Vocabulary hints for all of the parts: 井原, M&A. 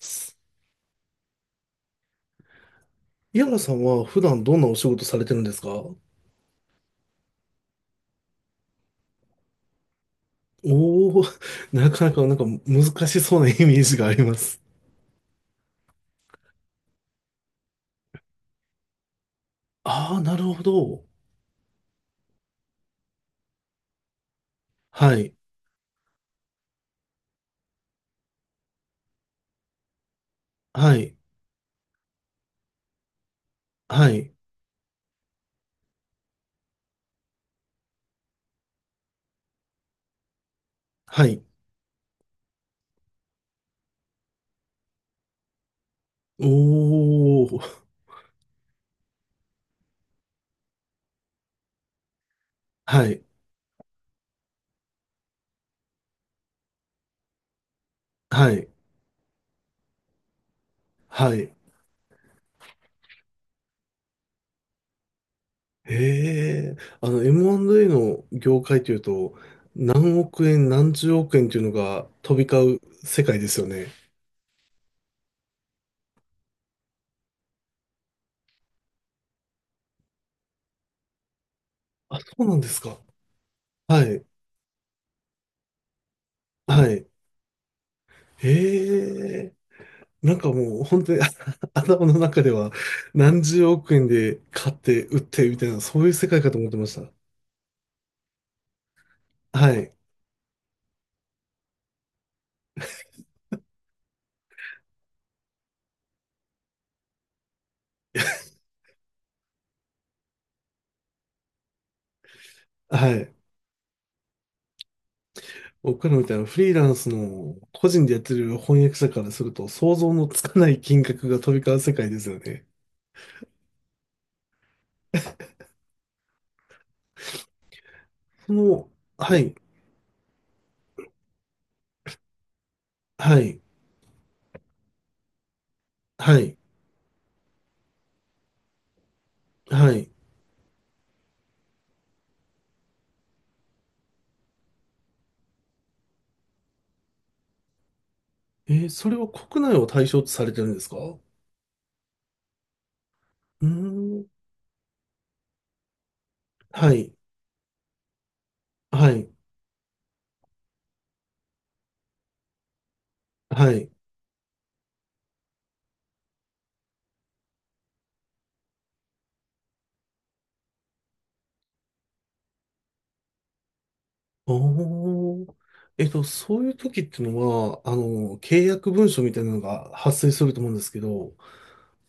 す井原さんは普段どんなお仕事されてるんですか？おおー、なかなかなんか難しそうなイメージがあります。ああ、なるほど。はい、はい、はい、はい。おお、はい、はい、はい。ええ、M&A の業界というと、何億円、何十億円というのが飛び交う世界ですよね。あ、そうなんですか。はい、はい。ええ。なんかもう本当に 頭の中では何十億円で買って売ってみたいな、そういう世界かと思ってました。はい。はい。僕らみたいなフリーランスの個人でやってる翻訳者からすると想像のつかない金額が飛び交う世界ですよね。その、はい。はい。はい。はい。それは国内を対象とされてるんですか？うーん。はい。はい。はい。おお。そういう時ってのは、契約文書みたいなのが発生すると思うんですけど、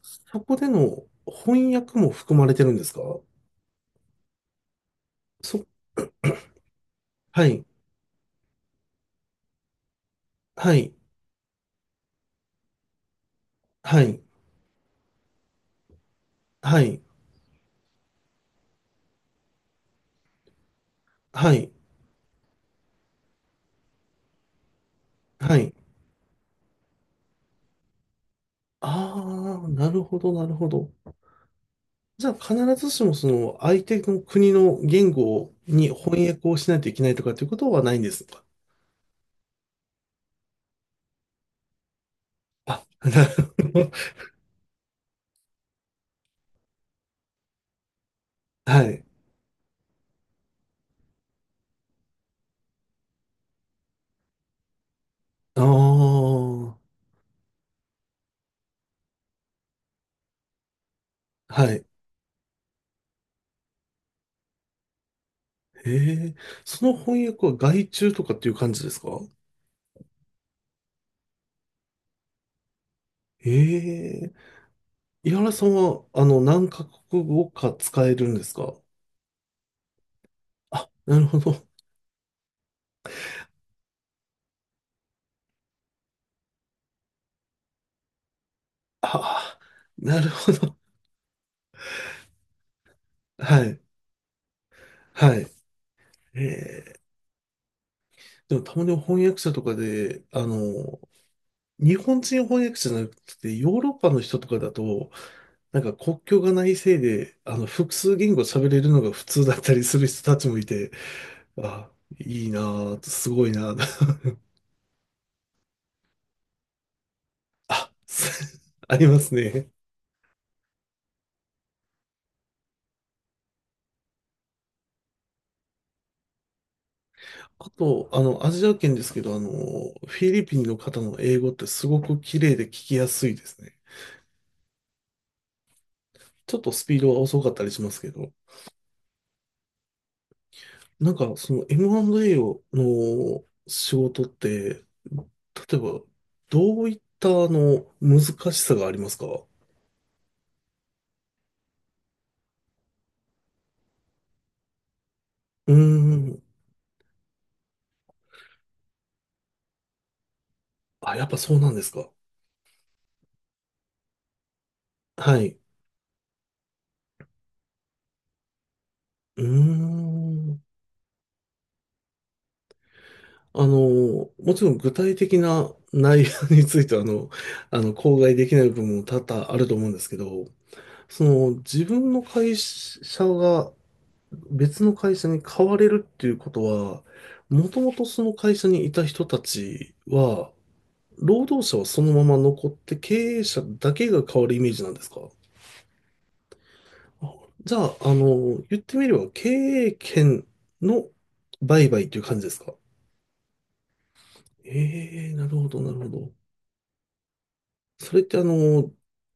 そこでの翻訳も含まれてるんですか？そ、はい、はい、はい、はい、はい、はい。ああ、なるほど、なるほど。じゃあ、必ずしも相手の国の言語に翻訳をしないといけないとかっていうことはないんですか？あ、なるほど。はい。ああ、はい。ええ、その翻訳は外注とかっていう感じですか？ええ、井原さんは、何カ国語か使えるんですか？あ、なるほど。ああ、なるほど。はい、はい。ええ、でもたまに翻訳者とかで、日本人翻訳者じゃなくて、ヨーロッパの人とかだと、なんか国境がないせいで、複数言語喋れるのが普通だったりする人たちもいて、あ、いいなぁ、すごいなぁ、ありますね。あと、アジア圏ですけど、フィリピンの方の英語ってすごく綺麗で聞きやすいですね。ちょっとスピードは遅かったりしますけど、なんかその M&A をの仕事って、例えば、どういった難しさがありますか？うーん。あ、やっぱそうなんですか。はい。うーん。もちろん具体的な内容については、口外できない部分も多々あると思うんですけど、その自分の会社が別の会社に変われるっていうことは、もともとその会社にいた人たちは、労働者はそのまま残って経営者だけが変わるイメージなんですか？あ、じゃあ、言ってみれば経営権の売買という感じですか？ええー、なるほど、なるほど。それって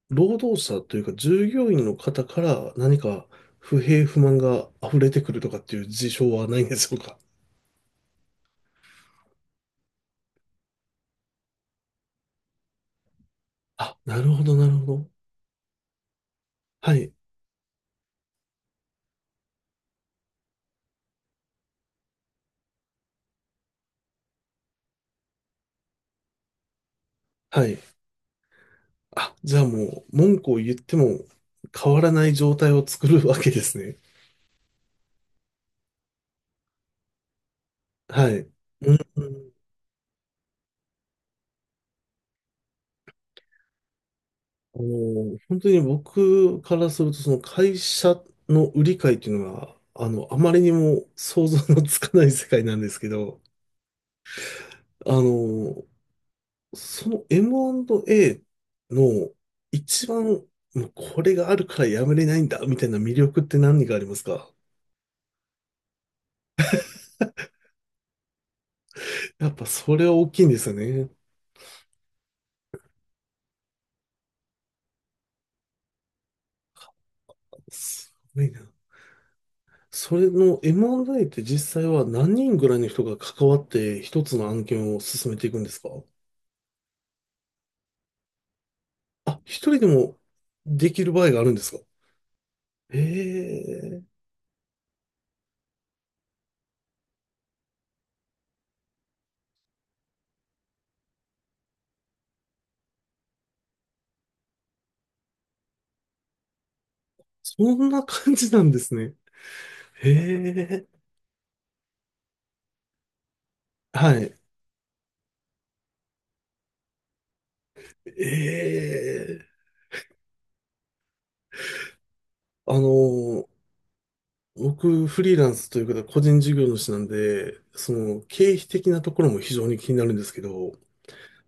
労働者というか従業員の方から何か不平不満が溢れてくるとかっていう事象はないんでしょうか？あ、なるほど、なるほど。はい、はい。あ、じゃあもう文句を言っても変わらない状態を作るわけですね。はい。うん、本当に僕からするとその会社の売り買いっていうのは、あまりにも想像のつかない世界なんですけど、あの、その M&A の一番、もうこれがあるからやめれないんだ、みたいな魅力って何がありますか？やっぱそれは大きいんですよね。すごいな。それの M&A って実際は何人ぐらいの人が関わって一つの案件を進めていくんですか？あ、一人でもできる場合があるんですか？へえ、そんな感じなんですね。へえ、はい。ええ、あの僕、フリーランスというか、個人事業主なんで、その経費的なところも非常に気になるんですけど、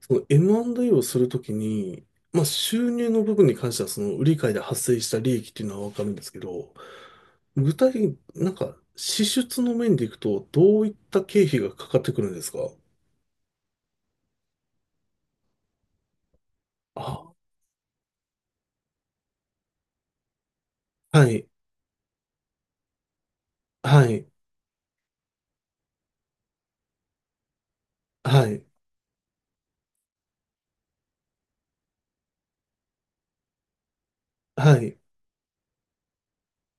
その M&A をするときに、まあ、収入の部分に関しては、その売り買いで発生した利益っていうのはわかるんですけど、具体的になんか支出の面でいくと、どういった経費がかかってくるんですか？あ、はい、はい、はい、はい。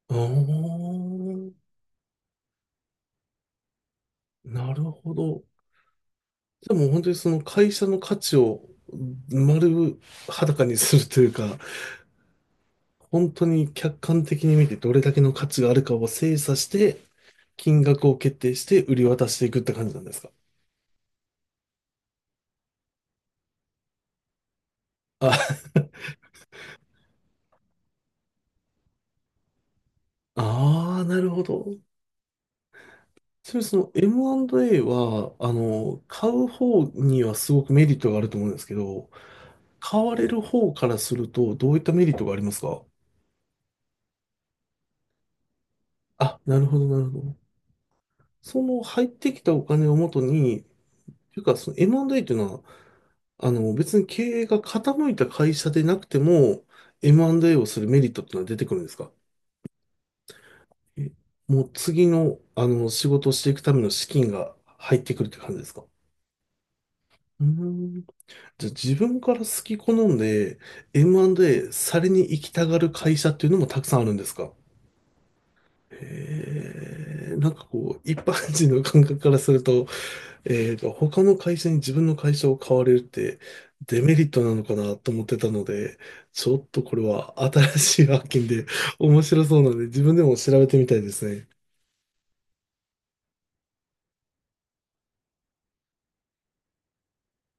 あー、なるほど。でも本当にその会社の価値を丸裸にするというか、本当に客観的に見てどれだけの価値があるかを精査して、金額を決定して売り渡していくって感じなんですか？あ、ああ、なるほど。それその M&A は、買う方にはすごくメリットがあると思うんですけど、買われる方からするとどういったメリットがありますか？あ、なるほど、なるほど。その入ってきたお金をもとに、というかその M&A というのは別に経営が傾いた会社でなくても、M&A をするメリットってのは出てくるんですか？えもう次の、仕事をしていくための資金が入ってくるって感じですか？うーん。じゃあ自分から好き好んで M&A されに行きたがる会社っていうのもたくさんあるんですか？へえ、なんかこう、一般人の感覚からすると、他の会社に自分の会社を買われるってデメリットなのかなと思ってたので、ちょっとこれは新しい発見で面白そうなので自分でも調べてみたいですね。